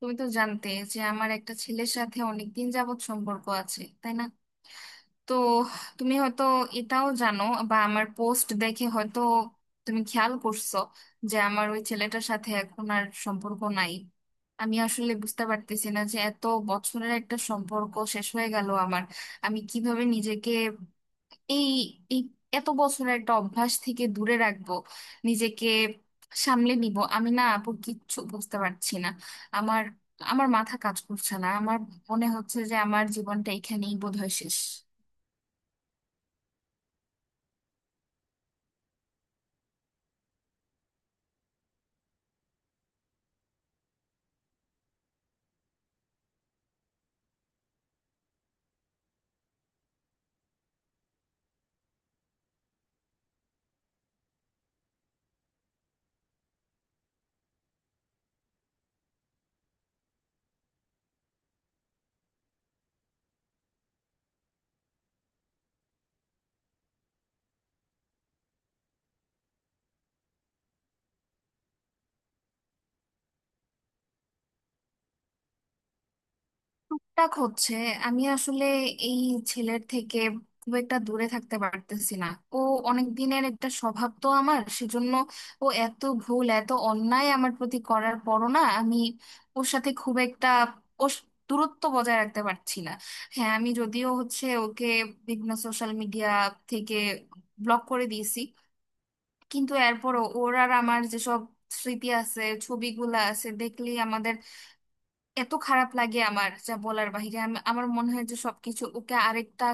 তুমি তো জানতে যে আমার একটা ছেলের সাথে অনেকদিন যাবৎ সম্পর্ক আছে, তাই না? তো তুমি হয়তো এটাও জানো, বা আমার পোস্ট দেখে হয়তো তুমি খেয়াল করছো যে আমার ওই ছেলেটার সাথে এখন আর সম্পর্ক নাই। আমি আসলে বুঝতে পারতেছি না যে এত বছরের একটা সম্পর্ক শেষ হয়ে গেল আমার। আমি কিভাবে নিজেকে এই এই এত বছরের একটা অভ্যাস থেকে দূরে রাখবো, নিজেকে সামলে নিব? আমি না আপু কিচ্ছু বুঝতে পারছি না। আমার আমার মাথা কাজ করছে না, আমার মনে হচ্ছে যে আমার জীবনটা এখানেই বোধহয় শেষ। টাক হচ্ছে। আমি আসলে এই ছেলের থেকে খুব একটা দূরে থাকতে পারতেছি না, ও অনেক দিনের একটা স্বভাব তো আমার, সেজন্য ও এত ভুল এত অন্যায় আমার প্রতি করার পরও না, আমি ওর সাথে খুব একটা ওর স- দূরত্ব বজায় রাখতে পারছি না। হ্যাঁ, আমি যদিও হচ্ছে ওকে বিভিন্ন সোশ্যাল মিডিয়া থেকে ব্লক করে দিয়েছি, কিন্তু এরপরও ওর আর আমার যেসব স্মৃতি আছে, ছবিগুলা আছে, দেখলেই আমাদের এত খারাপ লাগে আমার, যা বলার বাহিরে। আমি, আমার মনে হয় যে সবকিছু ওকে আরেকটা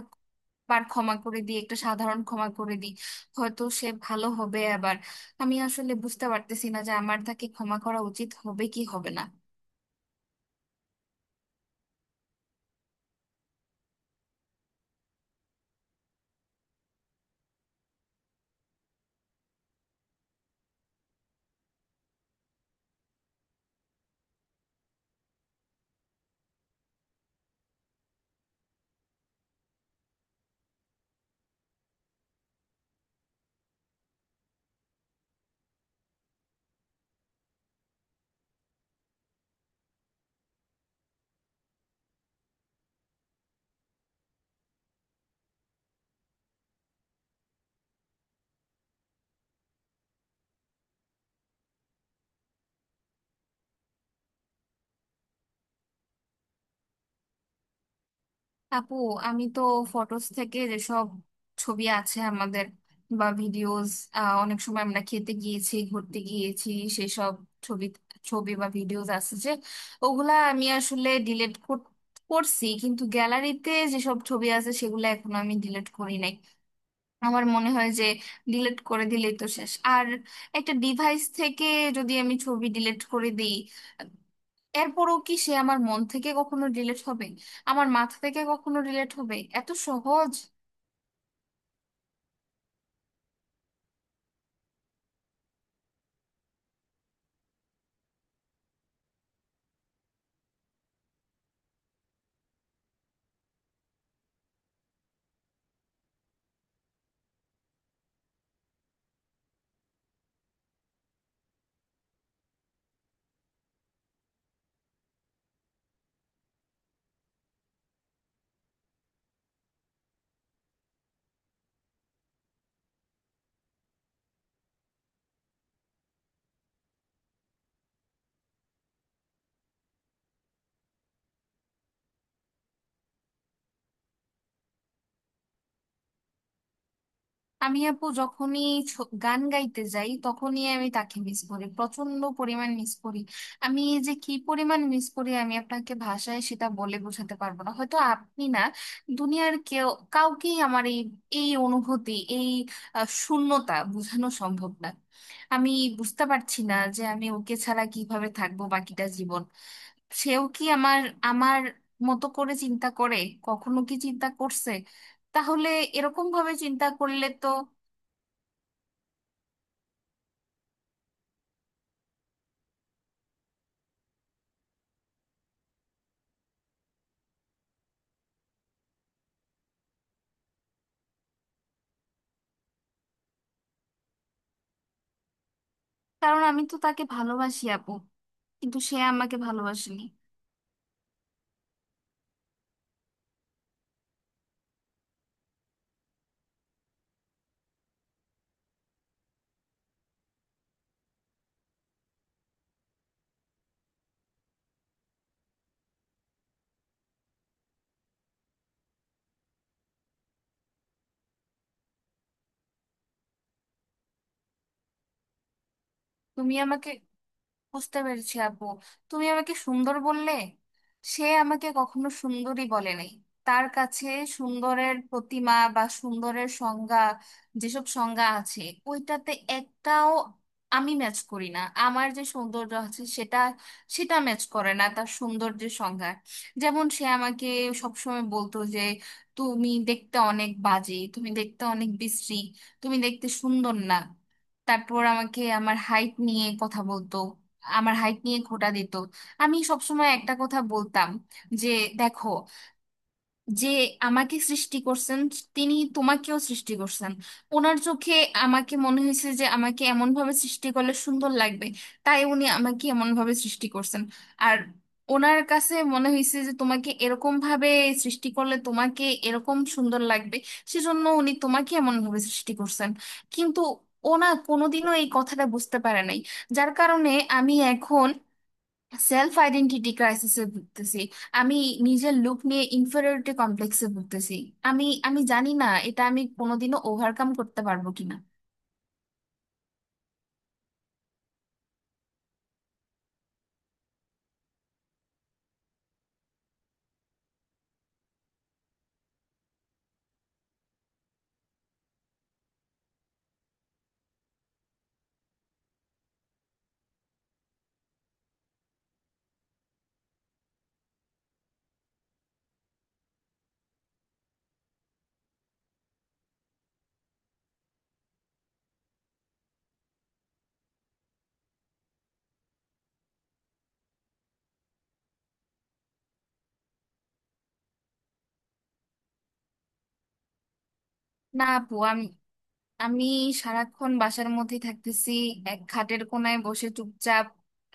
বার ক্ষমা করে দিই, একটা সাধারণ ক্ষমা করে দিই, হয়তো সে ভালো হবে আবার। আমি আসলে বুঝতে পারতেছি না যে আমার তাকে ক্ষমা করা উচিত হবে কি হবে না। আপু, আমি তো ফটোস থেকে যেসব ছবি আছে আমাদের, বা ভিডিওস, অনেক সময় আমরা খেতে গিয়েছি ঘুরতে গিয়েছি, সেসব ছবি ছবি বা ভিডিওস আছে যে, ওগুলা আমি আসলে ডিলিট করছি, কিন্তু গ্যালারিতে যেসব ছবি আছে সেগুলো এখনো আমি ডিলিট করি নাই। আমার মনে হয় যে ডিলিট করে দিলেই তো শেষ? আর একটা ডিভাইস থেকে যদি আমি ছবি ডিলিট করে দিই, এরপরও কি সে আমার মন থেকে কখনো ডিলেট হবে? আমার মাথা থেকে কখনো ডিলেট হবে এত সহজ? আমি আপু যখনই গান গাইতে যাই, তখনই আমি তাকে মিস করি, প্রচন্ড পরিমাণ মিস করি। আমি যে কি পরিমাণ মিস করি, আমি আপনাকে ভাষায় সেটা বলে বোঝাতে পারবো না, হয়তো আপনি না, দুনিয়ার কেউ, কাউকেই আমার এই এই অনুভূতি, এই শূন্যতা বোঝানো সম্ভব না। আমি বুঝতে পারছি না যে আমি ওকে ছাড়া কিভাবে থাকবো বাকিটা জীবন। সেও কি আমার আমার মতো করে চিন্তা করে? কখনো কি চিন্তা করছে? তাহলে এরকম ভাবে চিন্তা করলে তো, কারণ আমি তো তাকে ভালোবাসি আপু, কিন্তু সে আমাকে ভালোবাসেনি। তুমি আমাকে, বুঝতে পেরেছি আপু, তুমি আমাকে সুন্দর বললে, সে আমাকে কখনো সুন্দরী বলে নাই। তার কাছে সুন্দরের প্রতিমা বা সুন্দরের সংজ্ঞা, যেসব সংজ্ঞা আছে, ওইটাতে একটাও আমি ম্যাচ করি না। আমার যে সৌন্দর্য আছে সেটা সেটা ম্যাচ করে না তার সৌন্দর্যের সংজ্ঞা। যেমন সে আমাকে সবসময় বলতো যে তুমি দেখতে অনেক বাজে, তুমি দেখতে অনেক বিশ্রী, তুমি দেখতে সুন্দর না। তারপর আমাকে আমার হাইট নিয়ে কথা বলতো, আমার হাইট নিয়ে খোঁটা দিত। আমি সবসময় একটা কথা বলতাম যে দেখো, যে আমাকে সৃষ্টি করছেন তিনি তোমাকেও সৃষ্টি করছেন, ওনার চোখে আমাকে মনে হয়েছে যে আমাকে এমন ভাবে সৃষ্টি করলে সুন্দর লাগবে, তাই উনি আমাকে এমন ভাবে সৃষ্টি করছেন, আর ওনার কাছে মনে হয়েছে যে তোমাকে এরকম ভাবে সৃষ্টি করলে তোমাকে এরকম সুন্দর লাগবে, সেজন্য উনি তোমাকে এমন ভাবে সৃষ্টি করছেন। কিন্তু ওনা কোনোদিনও এই কথাটা বুঝতে পারে নাই, যার কারণে আমি এখন সেলফ আইডেন্টিটি ক্রাইসিসে ভুগতেছি, আমি নিজের লুক নিয়ে ইনফেরিয়রিটি কমপ্লেক্সে ভুগতেছি। আমি আমি জানি না এটা আমি কোনোদিনও ওভারকাম করতে পারবো কিনা। না আপু, আমি, আমি সারাক্ষণ বাসার মধ্যে থাকতেছি, এক খাটের কোনায় বসে চুপচাপ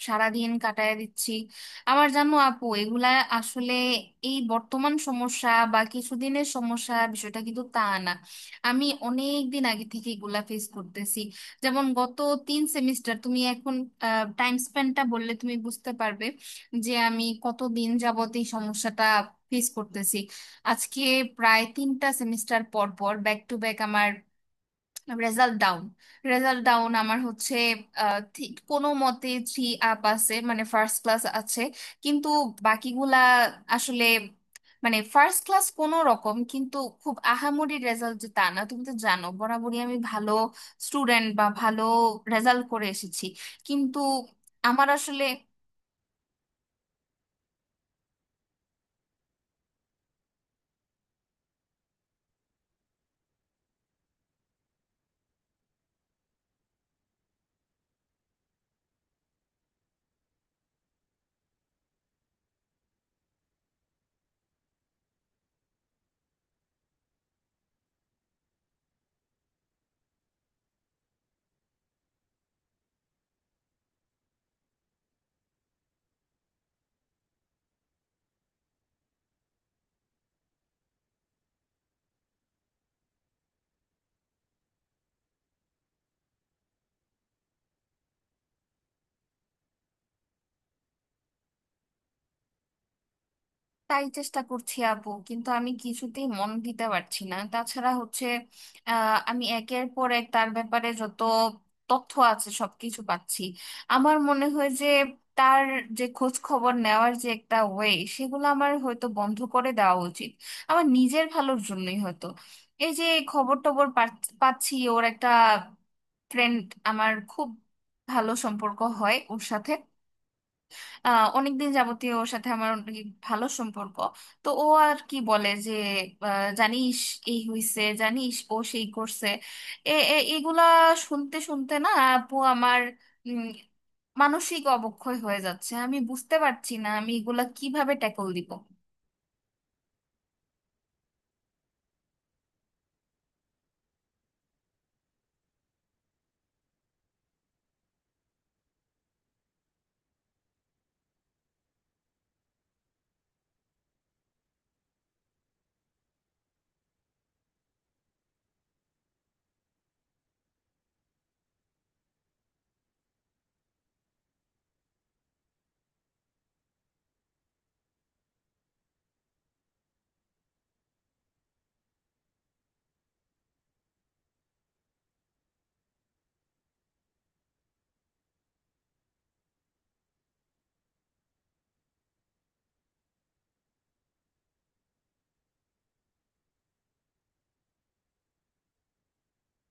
সারাদিন কাটায় দিচ্ছি। আবার জানো আপু, এগুলা আসলে এই বর্তমান সমস্যা বা কিছুদিনের সমস্যা বিষয়টা কিন্তু তা না, আমি অনেক দিন আগে থেকে এগুলা ফেস করতেছি। যেমন গত 3 সেমিস্টার, তুমি এখন টাইম স্পেন্ডটা বললে তুমি বুঝতে পারবে যে আমি কত দিন যাবত এই সমস্যাটা ফেস করতেছি। আজকে প্রায় 3টা সেমিস্টার পর পর, back to back result down, result down আমার হচ্ছে। ঠিক কোনো মতে 3 আপ আছে, মানে ফার্স্ট ক্লাস আছে, কিন্তু বাকিগুলা আসলে মানে ফার্স্ট ক্লাস কোনো রকম, কিন্তু খুব আহামরি রেজাল্ট যে তা না। তুমি তো জানো বরাবরই আমি ভালো স্টুডেন্ট বা ভালো রেজাল্ট করে এসেছি, কিন্তু আমার আসলে… তাই চেষ্টা করছি আপু, কিন্তু আমি কিছুতেই মন দিতে পারছি না। তাছাড়া হচ্ছে আমি একের পর এক তার ব্যাপারে যত তথ্য আছে সবকিছু পাচ্ছি। আমার মনে হয় যে তার যে খোঁজ খবর নেওয়ার যে একটা ওয়ে, সেগুলো আমার হয়তো বন্ধ করে দেওয়া উচিত, আমার নিজের ভালোর জন্যই হয়তো। এই যে খবর টবর পাচ্ছি, ওর একটা ফ্রেন্ড আমার খুব ভালো সম্পর্ক হয় ওর সাথে, অনেকদিন যাবতীয় ওর সাথে আমার অনেক ভালো সম্পর্ক। তো ও আর কি বলে যে, জানিস এই হইছে, জানিস ও সেই করছে। এ এ- এগুলা শুনতে শুনতে না আপু, আমার উম, মানসিক অবক্ষয় হয়ে যাচ্ছে, আমি বুঝতে পারছি না আমি এগুলা কিভাবে ট্যাকল দিব।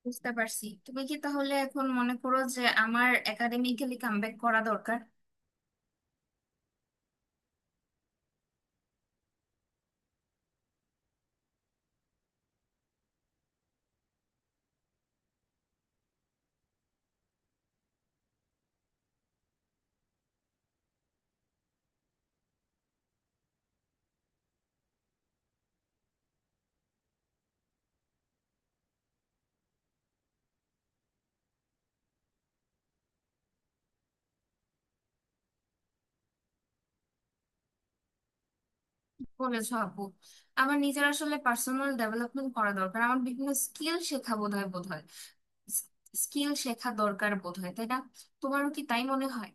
বুঝতে পারছি, তুমি কি তাহলে এখন মনে করো যে আমার একাডেমিক্যালি কামব্যাক করা দরকার? বলেছো আপু, আমার নিজের আসলে পার্সোনাল ডেভেলপমেন্ট করা দরকার, আমার বিভিন্ন স্কিল শেখা বোধ হয়। স্কিল শেখা দরকার বোধ হয়, তাই না? তোমারও কি তাই মনে হয়?